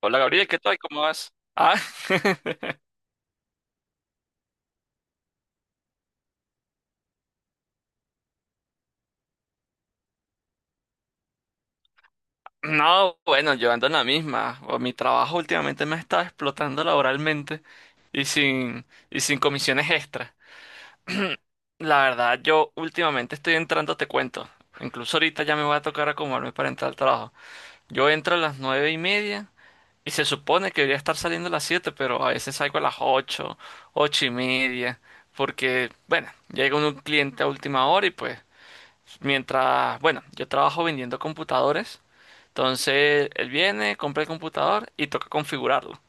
Hola Gabriel, ¿qué tal? ¿Cómo vas? No, bueno, yo ando en la misma. O mi trabajo últimamente me ha estado explotando laboralmente y sin, y sin comisiones extra. La verdad, yo últimamente estoy entrando, te cuento. Incluso ahorita ya me va a tocar acomodarme para entrar al trabajo. Yo entro a las nueve y media y se supone que debería estar saliendo a las siete, pero a veces salgo a las ocho, ocho y media, porque, bueno, llega un cliente a última hora y pues, mientras, bueno, yo trabajo vendiendo computadores, entonces él viene, compra el computador y toca configurarlo.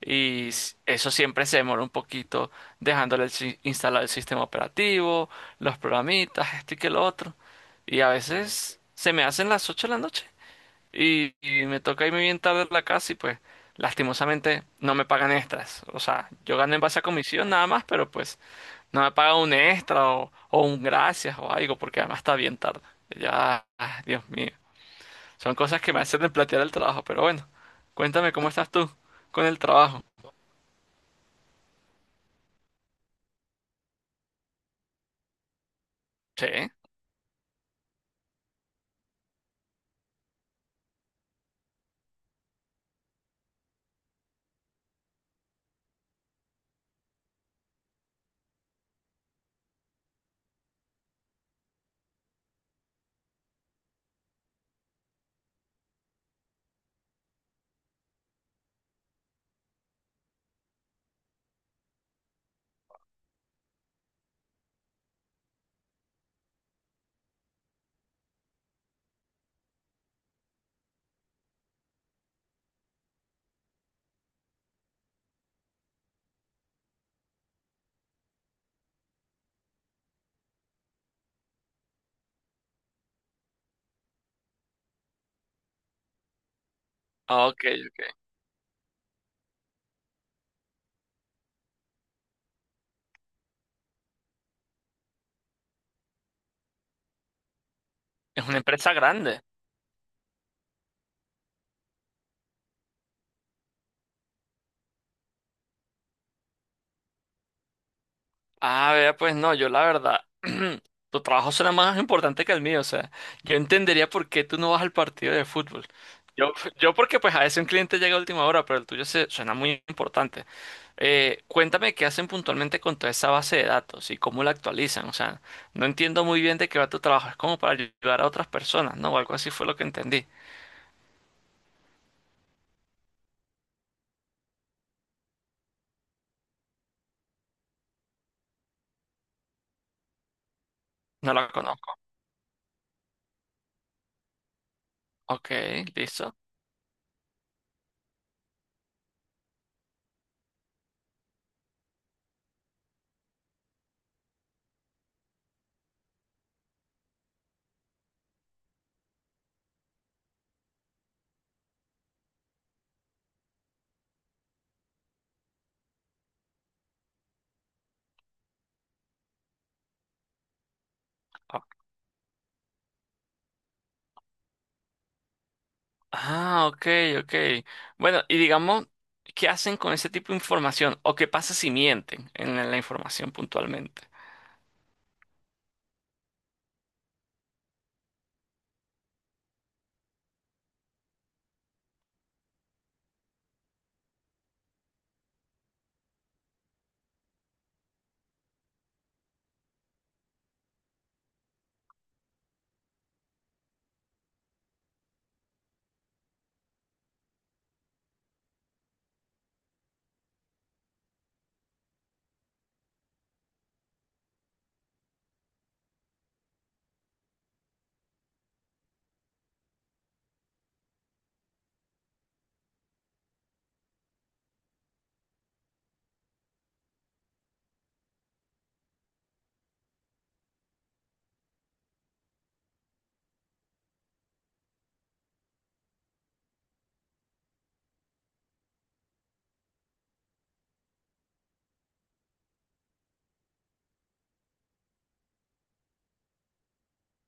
Eso siempre se demora un poquito dejándole el si- instalar el sistema operativo, los programitas, esto y que lo otro. Y a veces se me hacen las 8 de la noche y me toca irme bien tarde a la casa y pues lastimosamente no me pagan extras. O sea, yo gano en base a comisión nada más, pero pues no me pagan un extra o un gracias o algo, porque además está bien tarde. Ya, ah, Dios mío. Son cosas que me hacen replantear el trabajo, pero bueno. Cuéntame cómo estás tú con el trabajo. Sí. Ah, ok, ok. Es una empresa grande. Ah, vea, pues no, yo la verdad, tu trabajo será más importante que el mío, o sea, yo entendería por qué tú no vas al partido de fútbol. Yo, yo porque pues a veces un cliente llega a última hora, pero el tuyo se, suena muy importante. Cuéntame qué hacen puntualmente con toda esa base de datos y cómo la actualizan. O sea, no entiendo muy bien de qué va tu trabajo. Es como para ayudar a otras personas, ¿no? O algo así fue lo que entendí. No la conozco. Ok, listo. O- Ah, ok, ok. Bueno, y digamos, ¿qué hacen con ese tipo de información? ¿O qué pasa si mienten en la información puntualmente?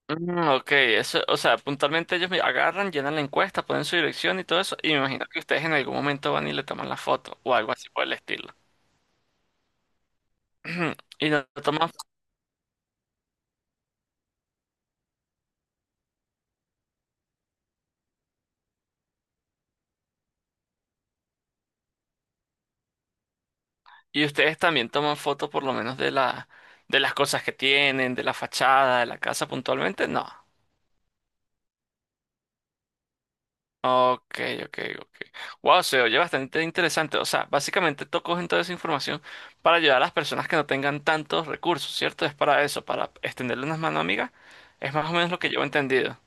Mm, ok, eso, o sea, puntualmente ellos me agarran, llenan la encuesta, ponen su dirección y todo eso, y me imagino que ustedes en algún momento van y le toman la foto o algo así por el estilo. Y lo toman, y ustedes también toman fotos por lo menos de de las cosas que tienen, de la fachada, de la casa puntualmente, no. Ok, ok, ok. Wow, se oye bastante interesante. O sea, básicamente tú coges toda esa información para ayudar a las personas que no tengan tantos recursos, ¿cierto? Es para eso, para extenderle unas manos amigas. Es más o menos lo que yo he entendido.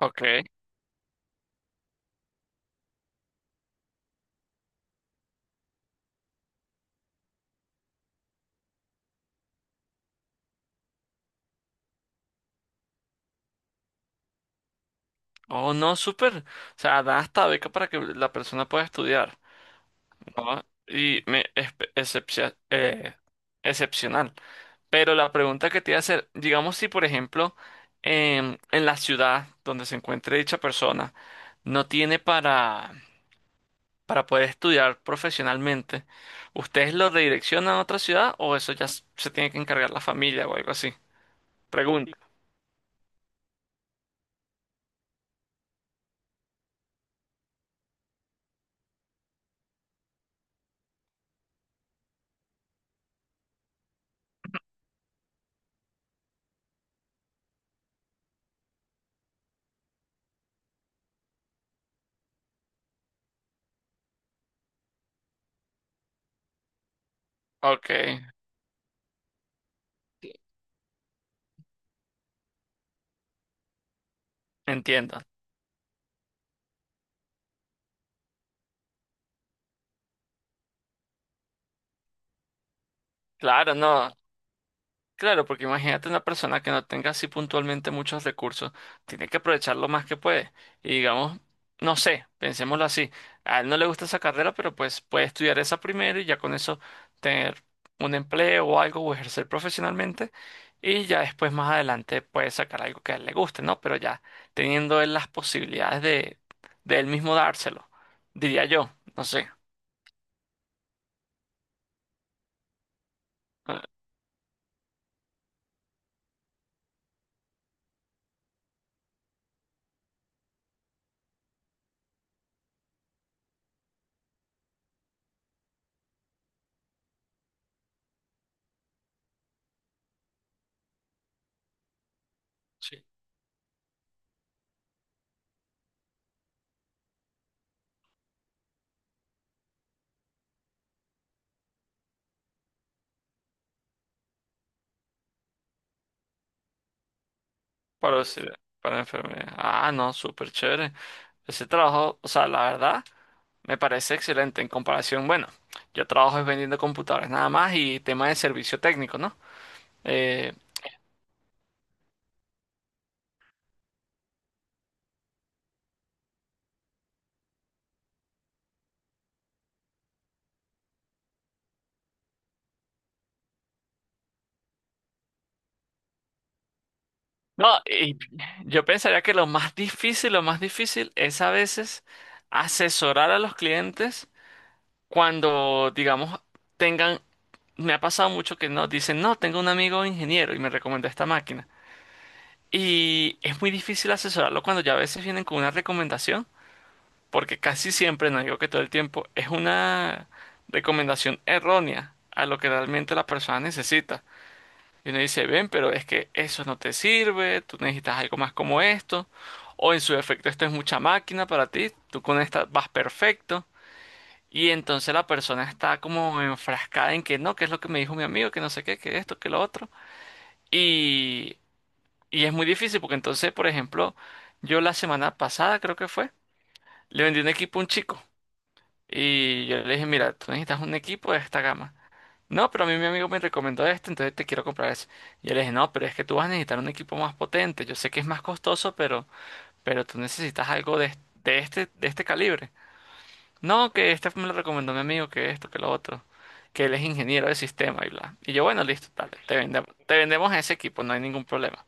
Ok. Oh, no, súper. O sea, da hasta beca para que la persona pueda estudiar, ¿no? Y me, es, excepcia- eh, excepcional. Pero la pregunta que te iba a hacer, digamos si por ejemplo en la ciudad donde se encuentre dicha persona no tiene para poder estudiar profesionalmente, ¿ustedes lo redireccionan a otra ciudad o eso se tiene que encargar la familia o algo así? Pregunta. Ok, entiendo. Claro, no. Claro, porque imagínate una persona que no tenga así puntualmente muchos recursos, tiene que aprovechar lo más que puede. Y digamos, no sé, pensémoslo así, a él no le gusta esa carrera, pero pues puede estudiar esa primero y ya con eso tener un empleo o algo o ejercer profesionalmente y ya después más adelante puede sacar algo que a él le guste, ¿no? Pero ya teniendo él las posibilidades de él mismo dárselo, diría yo, no sé. Ah, sí. Para, para enfermedad. Ah, no, súper chévere. Ese trabajo, o sea, la verdad, me parece excelente en comparación. Bueno, yo trabajo es vendiendo computadores nada más y tema de servicio técnico, ¿no? Eh, no, y yo pensaría que lo más difícil es a veces asesorar a los clientes cuando, digamos, tengan, me ha pasado mucho que no, dicen, no, tengo un amigo ingeniero y me recomendó esta máquina. Y es muy difícil asesorarlo cuando ya a veces vienen con una recomendación porque casi siempre, no digo que todo el tiempo, es una recomendación errónea a lo que realmente la persona necesita. Y uno dice, ven, pero es que eso no te sirve, tú necesitas algo más como esto, o en su defecto esto es mucha máquina para ti, tú con esta vas perfecto. Y entonces la persona está como enfrascada en que no, que es lo que me dijo mi amigo, que no sé qué, que esto, que lo otro. Y, y es muy difícil porque entonces, por ejemplo, yo la semana pasada creo que fue, le vendí un equipo a un chico. Y yo le dije, mira, tú necesitas un equipo de esta gama. No, pero a mí mi amigo me recomendó este, entonces te quiero comprar ese. Y yo le dije, no, pero es que tú vas a necesitar un equipo más potente. Yo sé que es más costoso, pero tú necesitas algo de, de este calibre. No, que este me lo recomendó mi amigo, que esto, que lo otro. Que él es ingeniero de sistema y bla. Y yo, bueno, listo, dale, te vendemos ese equipo, no hay ningún problema,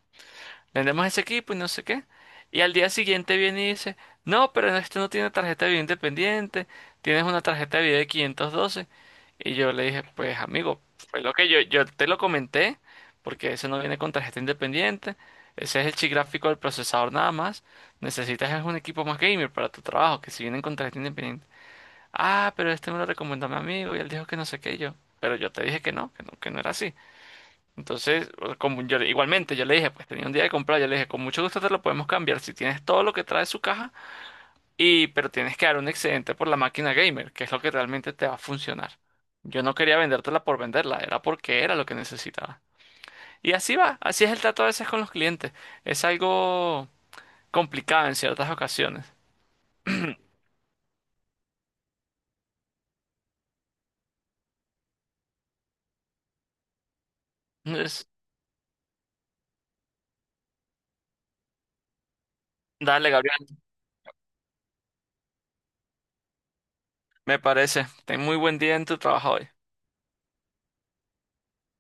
vendemos ese equipo y no sé qué. Y al día siguiente viene y dice, no, pero este no tiene tarjeta de video independiente, tienes una tarjeta de video de 512. Y yo le dije, pues amigo, fue lo que yo te lo comenté, porque ese no viene con tarjeta independiente, ese es el chip gráfico del procesador nada más, necesitas es un equipo más gamer para tu trabajo, que si vienen con tarjeta independiente. Ah, pero este me lo recomendó mi amigo y él dijo que no sé qué y yo, pero yo te dije que no, que no era así. Entonces, como yo, igualmente, yo le dije, pues tenía un día de comprar, yo le dije, con mucho gusto te lo podemos cambiar si tienes todo lo que trae su caja, pero tienes que dar un excedente por la máquina gamer, que es lo que realmente te va a funcionar. Yo no quería vendértela por venderla, era porque era lo que necesitaba. Y así va, así es el trato a veces con los clientes. Es algo complicado en ciertas ocasiones. Es- Dale, Gabriel, me parece. Ten muy buen día en tu trabajo hoy.